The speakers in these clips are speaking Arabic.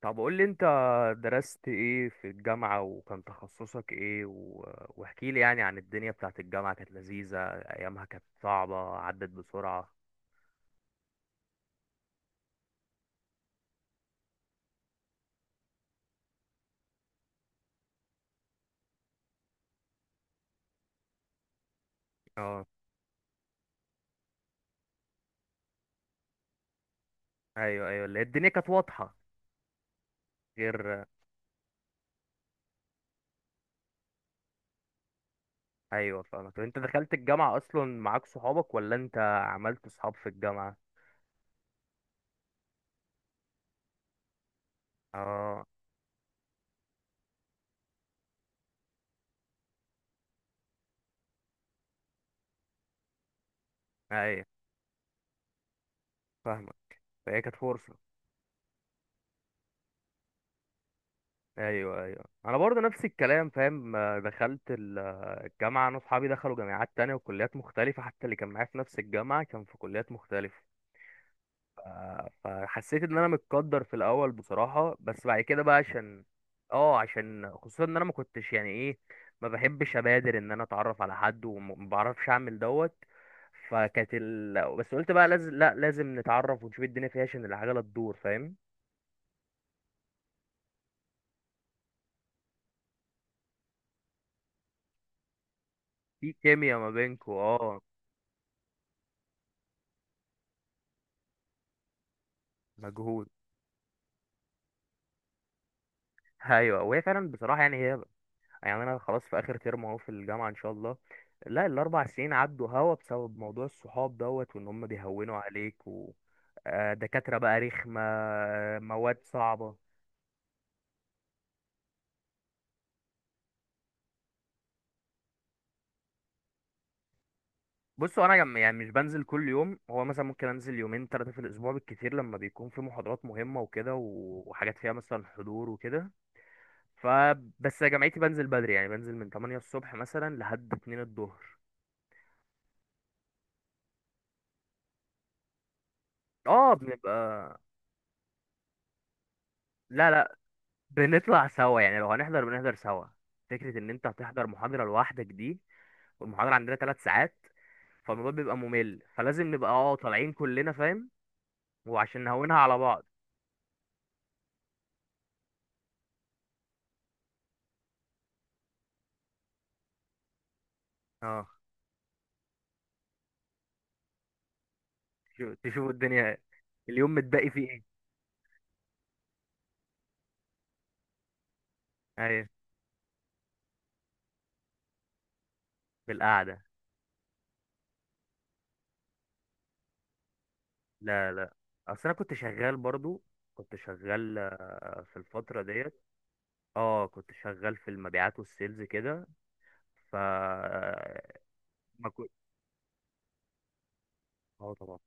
طب قول لي انت درست ايه في الجامعة وكان تخصصك ايه واحكي لي يعني عن الدنيا بتاعت الجامعة، كانت لذيذة؟ ايامها كانت صعبة؟ عدت بسرعة؟ اه، ايوه ايوه، اللي هي الدنيا كانت واضحة. غير. ايوه، فاهمك. طب انت دخلت الجامعة اصلا معاك صحابك، ولا انت عملت صحاب في الجامعة؟ اه، ايوه، فاهمك. فهي كانت فرصة. ايوه ايوه، انا برضه نفس الكلام، فاهم؟ دخلت الجامعه، انا اصحابي دخلوا جامعات تانية وكليات مختلفه، حتى اللي كان معايا في نفس الجامعه كان في كليات مختلفه. فحسيت ان انا متقدر في الاول بصراحه، بس بعد كده بقى عشان... اه عشان خصوصا ان انا ما كنتش، يعني ايه، ما بحبش ابادر ان انا اتعرف على حد، وما بعرفش اعمل دوت. بس قلت بقى لازم، لا لازم نتعرف ونشوف الدنيا فيها عشان العجله تدور، فاهم؟ في كيمياء ما بينكوا. اه، مجهود. ايوه، وهي فعلا بصراحه، يعني هي، يعني انا خلاص في اخر ترم اهو في الجامعه ان شاء الله. لا، الاربع سنين عدوا هوا بسبب موضوع الصحاب دوت، وان هم بيهونوا عليك و... دكاتره بقى رخمه، مواد صعبه. بصوا، يعني مش بنزل كل يوم، هو مثلا ممكن انزل يومين ثلاثه في الاسبوع بالكتير، لما بيكون في محاضرات مهمه وكده وحاجات فيها مثلا حضور وكده. فبس يا جامعتي بنزل بدري، يعني بنزل من 8 الصبح مثلا لحد 2 الظهر. اه، بنبقى... لا لا، بنطلع سوا، يعني لو هنحضر بنحضر سوا. فكرة ان انت هتحضر محاضرة لوحدك دي! والمحاضرة عندنا ثلاث ساعات، فالموضوع بيبقى ممل، فلازم نبقى طالعين كلنا، فاهم؟ وعشان نهونها على بعض. اه، تشوفوا الدنيا، اليوم متبقي فيه ايه. ايوه، بالقعدة. لا لا، اصل انا كنت شغال برضو. كنت شغال في الفترة ديت. اه، كنت شغال في المبيعات والسيلز كده. ف آه، ما كنت اه، طبعا.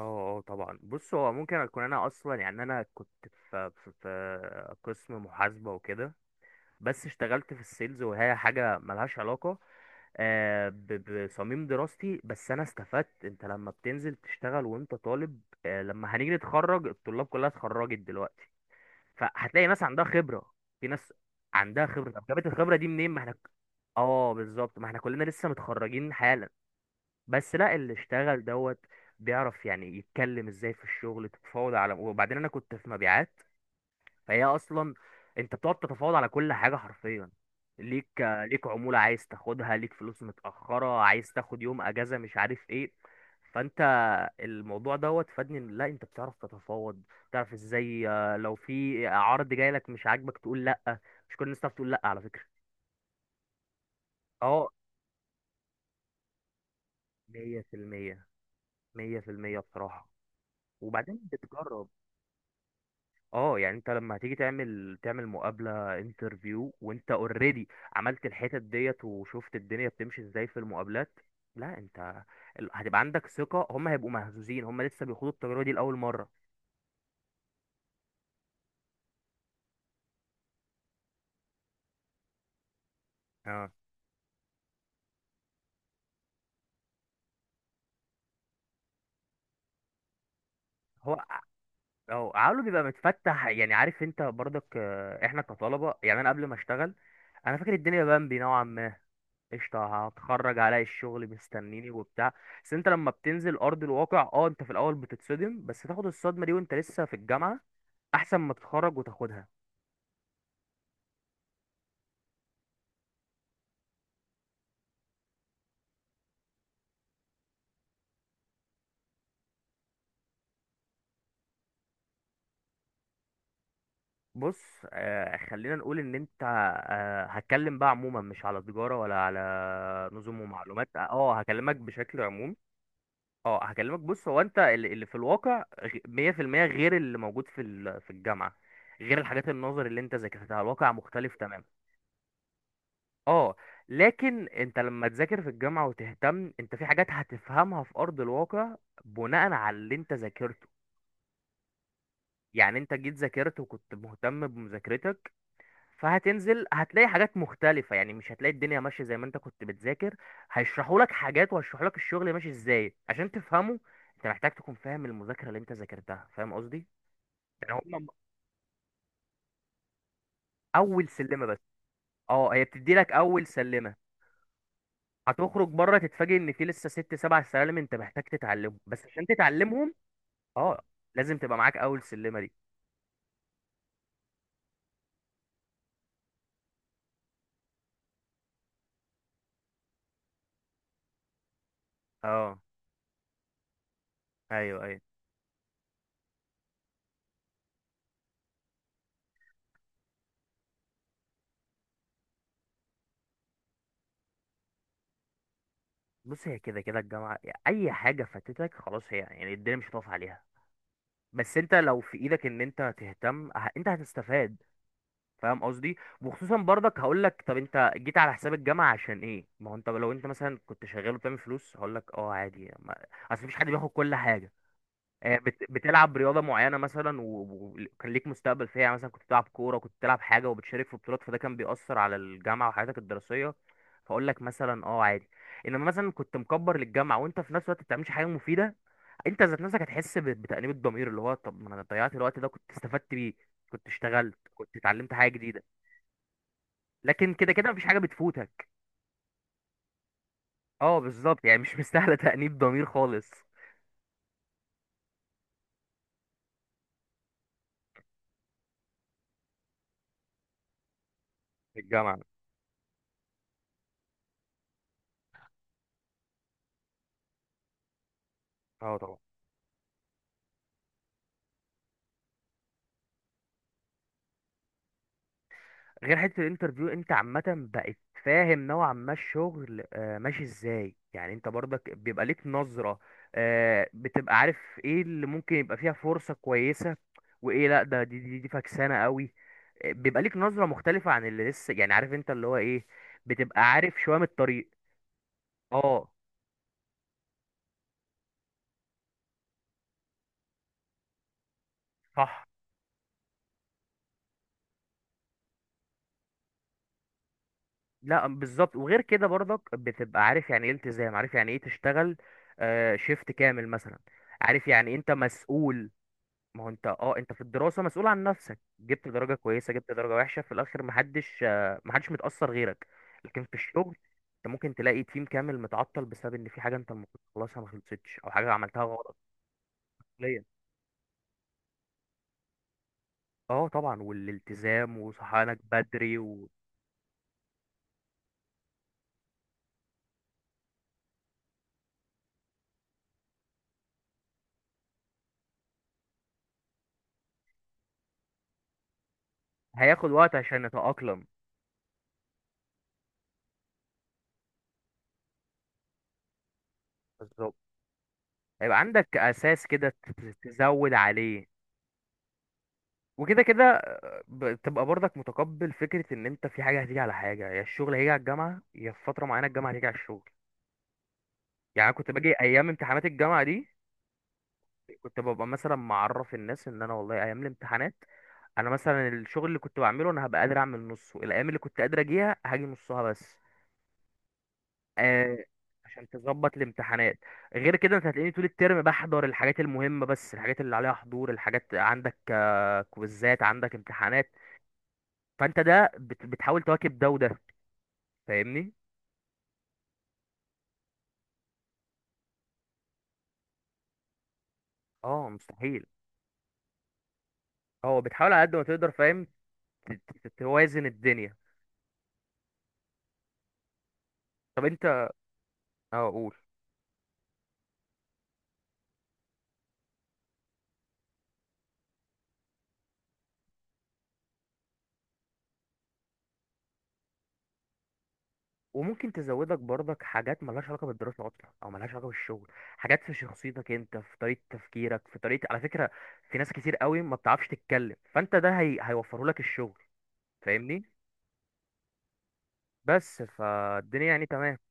اه، اه، طبعا. بص، هو ممكن اكون انا اصلا، يعني انا كنت في قسم محاسبه وكده، بس اشتغلت في السيلز وهي حاجه ملهاش علاقه بصميم دراستي. بس انا استفدت، انت لما بتنزل تشتغل وانت طالب، لما هنيجي نتخرج الطلاب كلها اتخرجت دلوقتي، فهتلاقي ناس عندها خبره، في ناس عندها خبره. طب جابت الخبره دي منين؟ ما احنا. اه، بالظبط، ما احنا كلنا لسه متخرجين حالا، بس لا، اللي اشتغل دوت بيعرف، يعني يتكلم ازاي في الشغل، تتفاوض على... وبعدين انا كنت في مبيعات، فهي اصلا انت بتقعد تتفاوض على كل حاجه حرفيا، ليك عموله عايز تاخدها، ليك فلوس متاخره عايز تاخد، يوم اجازه، مش عارف ايه. فانت الموضوع دوت فادني، إن لا، انت بتعرف تتفاوض، بتعرف ازاي لو في عرض جاي لك مش عاجبك تقول لا. مش كل الناس تعرف تقول لا على فكره. اه، 100%، 100% بصراحه. وبعدين بتجرب. اه، يعني انت لما هتيجي تعمل مقابلة انترفيو، وانت اوريدي عملت الحتت ديت وشفت الدنيا بتمشي ازاي في المقابلات، لا، انت هتبقى عندك ثقة، هم هيبقوا مهزوزين، هم لسه بيخوضوا التجربة دي لأول مرة. اه، هو اه عقله بيبقى متفتح، يعني عارف انت برضك، احنا كطلبة، يعني انا قبل ما اشتغل انا فاكر الدنيا بامبي نوعا ما، قشطة، هتخرج عليا الشغل مستنيني وبتاع. بس انت لما بتنزل ارض الواقع، اه انت في الاول بتتصدم، بس تاخد الصدمة دي وانت لسه في الجامعة احسن ما تتخرج وتاخدها. بص، خلينا نقول ان انت... هتكلم بقى عموما، مش على تجارة ولا على نظم ومعلومات، اه هكلمك بشكل عموم. اه، هكلمك. بص، هو انت اللي في الواقع 100% غير اللي موجود في في الجامعة، غير الحاجات النظر اللي انت ذاكرتها، الواقع مختلف تماما. اه. لكن انت لما تذاكر في الجامعة وتهتم انت، في حاجات هتفهمها في ارض الواقع بناء على اللي انت ذاكرته. يعني انت جيت ذاكرت وكنت مهتم بمذاكرتك، فهتنزل هتلاقي حاجات مختلفة، يعني مش هتلاقي الدنيا ماشية زي ما انت كنت بتذاكر، هيشرحوا لك حاجات وهيشرحوا لك الشغل ماشي ازاي عشان تفهمه، انت محتاج تكون فاهم المذاكرة اللي انت ذاكرتها، فاهم قصدي؟ يعني هم اول سلمة بس. اه، هي بتدي لك اول سلمة. هتخرج بره تتفاجئ ان في لسه ست سبع سلالم انت محتاج تتعلمهم، بس عشان تتعلمهم اه لازم تبقى معاك اول سلمة دي. اه، ايوه ايوه. بص، هي كده كده الجامعة، اي حاجة فاتتك خلاص، هي يعني الدنيا مش هتقف عليها، بس انت لو في ايدك ان انت تهتم انت هتستفاد، فاهم قصدي؟ وخصوصا برضك هقول لك، طب انت جيت على حساب الجامعه عشان ايه؟ ما هو انت لو انت مثلا كنت شغال وبتعمل فلوس هقول لك اه عادي، ما... اصل مفيش حد بياخد كل حاجه. بتلعب رياضه معينه مثلا وكان ليك مستقبل فيها، يعني مثلا كنت بتلعب كوره، كنت بتلعب حاجه وبتشارك في بطولات، فده كان بيأثر على الجامعه وحياتك الدراسيه، فاقول لك مثلا اه عادي. انما مثلا كنت مكبر للجامعه وانت في نفس الوقت ما بتعملش حاجه مفيده، انت ذات نفسك هتحس بتأنيب الضمير، اللي هو طب ما انا ضيعت الوقت ده كنت استفدت بيه، كنت اشتغلت، كنت اتعلمت حاجة جديدة. لكن كده كده مفيش حاجة بتفوتك. اه، بالظبط، يعني مش مستاهلة تأنيب ضمير خالص. في الجامعة. اه، طبعا. غير حته الانترفيو، انت عامه بقت فاهم نوعا ما الشغل ماشي ازاي، يعني انت برضك بيبقى ليك نظره، بتبقى عارف ايه اللي ممكن يبقى فيها فرصه كويسه وايه لا، ده دي فكسانه قوي. بيبقى ليك نظره مختلفه عن اللي لسه، يعني عارف انت اللي هو ايه، بتبقى عارف شويه من الطريق. اه، صح. لا، بالظبط. وغير كده برضك بتبقى عارف يعني ايه التزام، عارف يعني ايه تشتغل شيفت كامل مثلا. عارف يعني إيه انت مسؤول، ما هو انت انت في الدراسة مسؤول عن نفسك، جبت درجة كويسة جبت درجة وحشة في الآخر محدش، محدش متأثر غيرك. لكن في الشغل انت ممكن تلاقي تيم كامل متعطل بسبب ان في حاجة انت المفروض تخلصها ما خلصتش، او حاجة عملتها غلط. ليه؟ اه، طبعا، والالتزام وصحيانك بدري هياخد وقت عشان نتأقلم. بالظبط، هيبقى عندك أساس كده تزود عليه. وكده كده تبقى برضك متقبل فكرة ان انت في حاجة هتيجي على حاجة، يا الشغل هيجي على الجامعة، يا في فترة معينة الجامعة هتيجي على الشغل. يعني أنا كنت باجي ايام امتحانات الجامعه دي، كنت ببقى مثلا معرف الناس ان انا والله ايام الامتحانات انا مثلا الشغل اللي كنت بعمله انا هبقى قادر اعمل نصه، الايام اللي كنت قادر اجيها هاجي نصها بس. آه، عشان تظبط الامتحانات. غير كده انت هتلاقيني طول الترم بحضر الحاجات المهمه بس، الحاجات اللي عليها حضور، الحاجات عندك كويزات، عندك امتحانات. فانت ده بتحاول تواكب ده وده، فاهمني؟ اه، مستحيل. اه، بتحاول على قد ما تقدر، فاهم؟ ت- توازن الدنيا. طب انت اه، قول. وممكن تزودك برضك حاجات ملهاش علاقة بالدراسة أصلا أو ملهاش علاقة بالشغل، حاجات في شخصيتك أنت، في طريقة تفكيرك، في طريقة. على فكرة، في ناس كتير قوي ما بتعرفش تتكلم، فأنت ده هيوفره لك الشغل، فاهمني؟ بس فالدنيا يعني تمام.